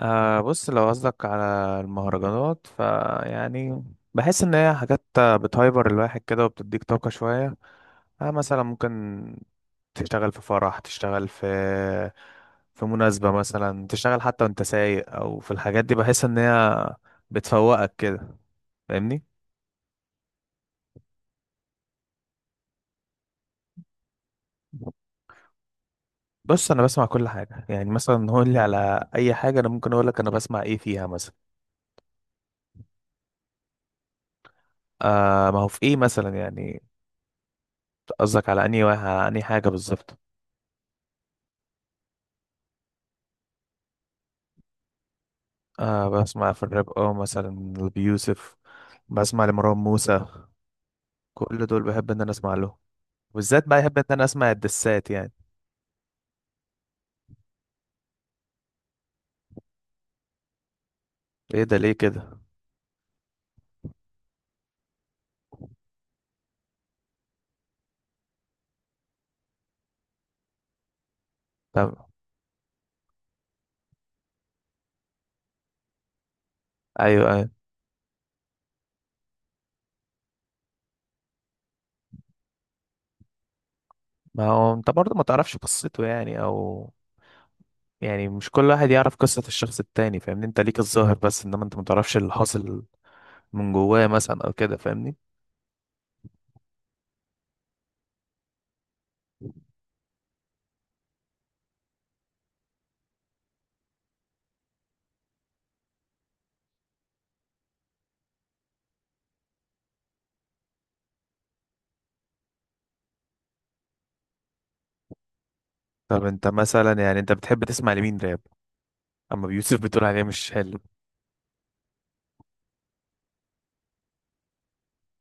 آه بص، لو قصدك على المهرجانات فيعني بحس ان هي حاجات بتهايبر الواحد كده وبتديك طاقة شوية. آه مثلا ممكن تشتغل في فرح، تشتغل في مناسبة مثلا، تشتغل حتى وانت سايق او في الحاجات دي، بحس ان هي بتفوقك كده. فاهمني؟ بص انا بسمع كل حاجة، يعني مثلا قول لي على اي حاجة انا ممكن اقول لك انا بسمع ايه فيها مثلا. آه ما هو في ايه مثلا، يعني قصدك على على انهي حاجة بالظبط؟ آه بسمع في الراب، اه مثلا، لأبي يوسف، بسمع لمروان موسى. كل دول بحب ان انا اسمع لهم، بالذات بقى بحب ان انا اسمع الدسات يعني. ايه ده ليه كده؟ طب، ايوه ايوه، ما هو انت برضه ما تعرفش قصته يعني، او يعني مش كل واحد يعرف قصة الشخص التاني. فاهمني؟ انت ليك الظاهر بس، انما انت ما تعرفش اللي حاصل من جواه مثلا او كده. فاهمني؟ طب انت مثلا، يعني انت بتحب تسمع لمين راب؟ اما بيوسف بتقول عليه مش حلو؟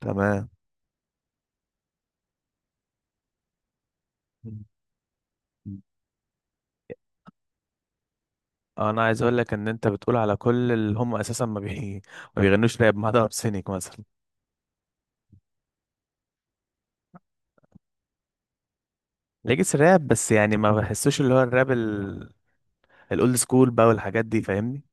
تمام. مم. انا عايز اقول لك ان انت بتقول على كل اللي هم اساسا ما بي... ما بيغنوش راب، ما عدا ارسينيك مثلا. ليجيس راب بس، يعني ما بحسوش اللي هو الراب الاولد سكول بقى والحاجات دي. فاهمني؟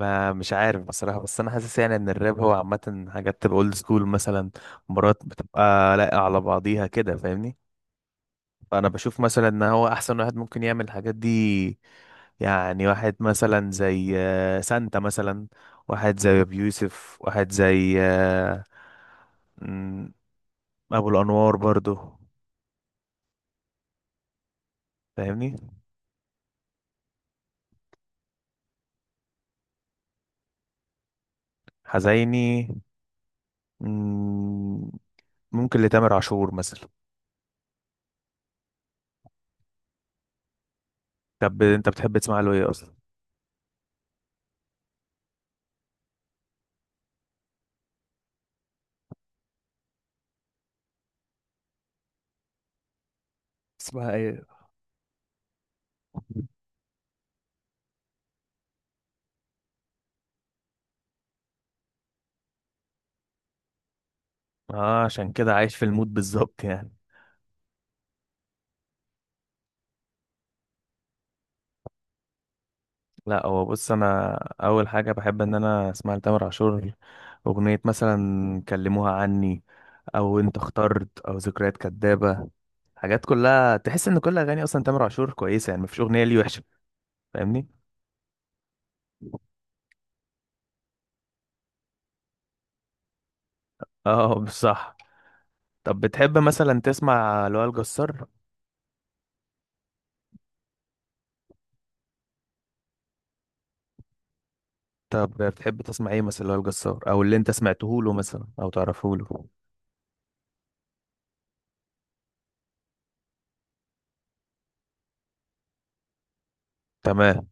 ما مش عارف بصراحة، بس انا حاسس يعني ان الراب هو عامة حاجات بتبقى اولد سكول مثلا، مرات بتبقى لاققة على بعضيها كده. فاهمني؟ فانا بشوف مثلا ان هو احسن واحد ممكن يعمل الحاجات دي. يعني واحد مثلا زي سانتا مثلا، واحد زي ابو يوسف، واحد زي مم، ابو الانوار برضو. فاهمني؟ حزيني، مم، ممكن لتامر عاشور مثلا. طب انت بتحب تسمع له ايه اصلا؟ اسمها ايه؟ اه عشان كده عايش في المود بالظبط يعني. لا هو بص انا، اول حاجه بحب ان انا اسمع لتامر عاشور اغنيه مثلا كلموها عني، او انت اخترت، او ذكريات كدابه. حاجات كلها تحس ان كل اغاني اصلا تامر عاشور كويسه، يعني مفيش اغنيه ليه وحشه. فاهمني؟ اه بصح. طب بتحب مثلا تسمع لوائل جسار؟ طب بتحب تسمع ايه مثلا لوائل جسار، او اللي انت سمعته له مثلا او تعرفه له؟ تمام.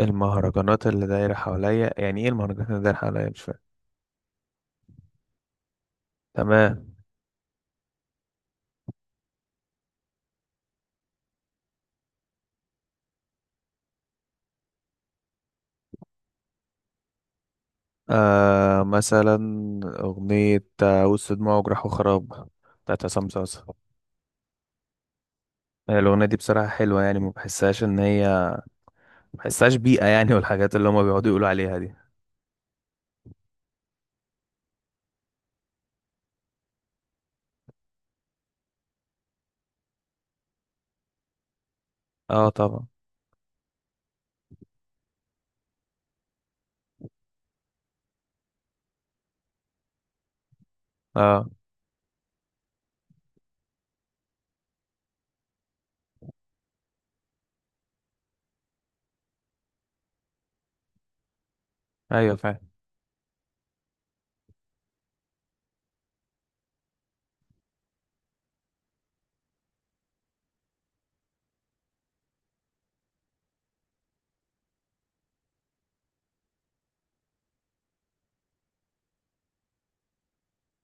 المهرجانات اللي دايره حواليا، يعني ايه المهرجانات اللي دايره حواليا مش؟ تمام. آه مثلا أغنية وسط دموع وجراح وخراب، بتاعت عصام صاصا. الأغنية دي بصراحة حلوة، يعني ما بحسهاش إن هي ما بحسهاش بيئة يعني، والحاجات اللي هما بيقعدوا يقولوا عليها دي. اه طبعا. اه ايوه فاهم.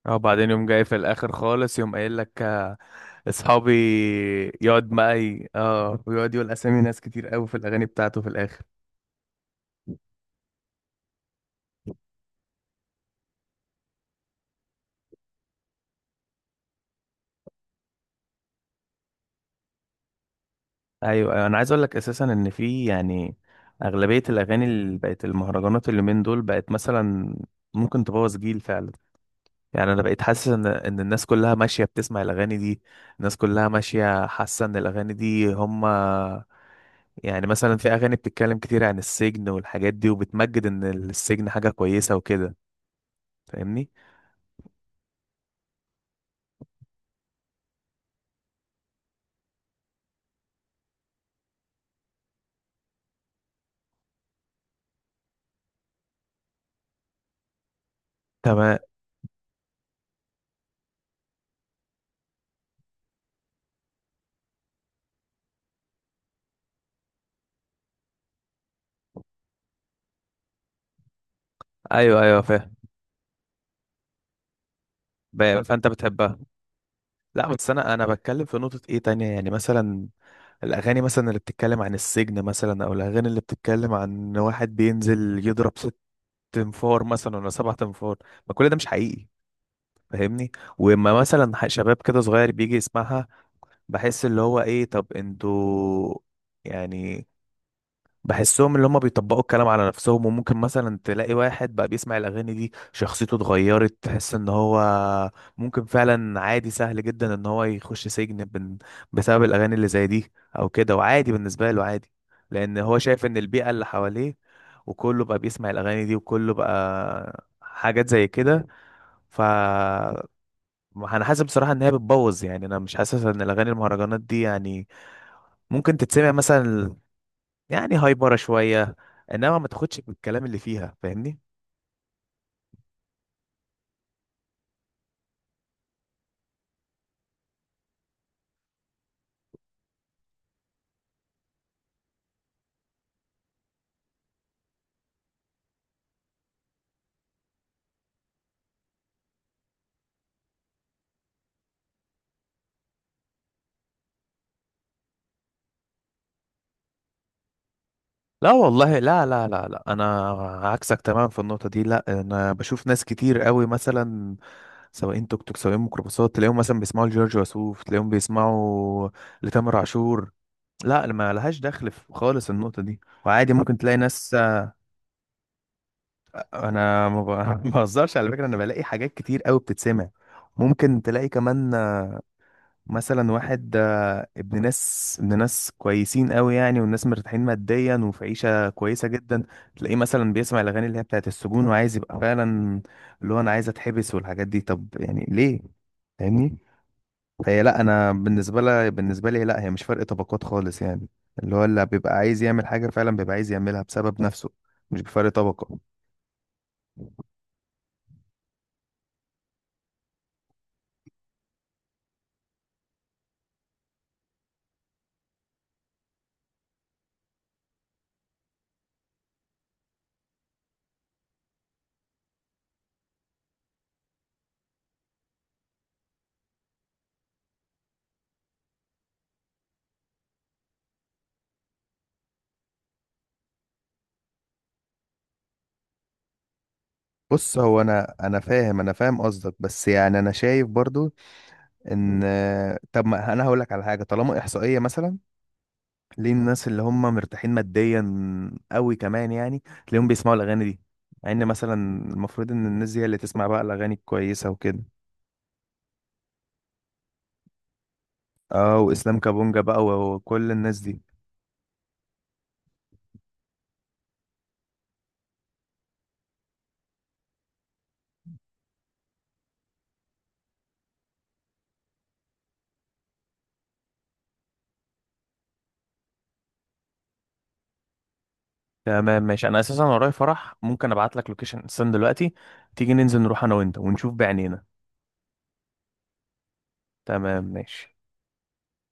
اه بعدين يوم جاي في الآخر خالص يوم قايل لك أصحابي يقعد معي، اه، ويقعد يقول أسامي ناس كتير قوي في الأغاني بتاعته في الآخر. ايوه ايوه، انا عايز اقول لك اساسا ان في يعني اغلبيه الاغاني اللي بقت المهرجانات اللي من دول بقت مثلا ممكن تبوظ جيل فعلا. يعني انا بقيت حاسس ان الناس كلها ماشيه بتسمع الاغاني دي. الناس كلها ماشيه حاسه ان الاغاني دي هم، يعني مثلا في اغاني بتتكلم كتير عن السجن والحاجات دي وبتمجد ان السجن حاجه كويسه وكده. فاهمني؟ تمام، ايوه ايوه فاهم. فانت بتحبها؟ لا بس انا بتكلم في نقطه ايه تانية، يعني مثلا الأغاني مثلا اللي بتتكلم عن السجن مثلا، أو الأغاني اللي بتتكلم عن إن واحد بينزل يضرب ست تنفار مثلا ولا سبع تنفار. ما كل ده مش حقيقي. فاهمني؟ وإما مثلا شباب كده صغير بيجي يسمعها، بحس اللي هو إيه طب انتوا يعني. بحسهم اللي هم بيطبقوا الكلام على نفسهم، وممكن مثلا تلاقي واحد بقى بيسمع الأغاني دي شخصيته اتغيرت، تحس ان هو ممكن فعلا عادي سهل جدا ان هو يخش سجن بسبب الأغاني اللي زي دي او كده. وعادي بالنسبة له عادي، لأن هو شايف ان البيئة اللي حواليه وكله بقى بيسمع الأغاني دي وكله بقى حاجات زي كده. ف، انا حاسس بصراحة ان هي بتبوظ. يعني انا مش حاسس ان الأغاني المهرجانات دي يعني ممكن تتسمع مثلا، يعني هايبره شويه، انما ما تاخدش بالكلام اللي فيها. فاهمني؟ لا والله، لا لا لا لا، انا عكسك تماما في النقطه دي. لا انا بشوف ناس كتير قوي مثلا سواقين توك توك، سواقين ميكروباصات، تلاقيهم مثلا بيسمعوا لجورج وسوف، تلاقيهم بيسمعوا لتامر عاشور. لا ما لهاش دخل في خالص النقطه دي. وعادي ممكن تلاقي ناس. انا ما ب- ما بهزرش على فكره، انا بلاقي حاجات كتير قوي بتتسمع. ممكن تلاقي كمان مثلا واحد ابن ناس، ابن ناس كويسين قوي يعني، والناس مرتاحين ماديا وفي عيشة كويسة جدا، تلاقيه مثلا بيسمع الأغاني اللي هي بتاعت السجون وعايز يبقى فعلا اللي هو أنا عايز أتحبس والحاجات دي. طب يعني ليه؟ فاهمني؟ فهي لا، أنا بالنسبة لي، لا هي مش فرق طبقات خالص يعني. اللي هو اللي بيبقى عايز يعمل حاجة فعلا بيبقى عايز يعملها بسبب نفسه، مش بفرق طبقة. بص هو انا فاهم، انا فاهم قصدك، بس يعني انا شايف برضو ان، طب ما انا هقول لك على حاجه، طالما احصائيه مثلا، ليه الناس اللي هم مرتاحين ماديا قوي كمان يعني تلاقيهم بيسمعوا الاغاني دي؟ مع ان مثلا المفروض ان الناس دي هي اللي تسمع بقى الاغاني الكويسه وكده. اه، واسلام كابونجا بقى وكل الناس دي. تمام ماشي، انا اساسا ورايا فرح، ممكن ابعت لك لوكيشن. استنى دلوقتي، تيجي ننزل نروح انا وانت ونشوف بعينينا. تمام ماشي.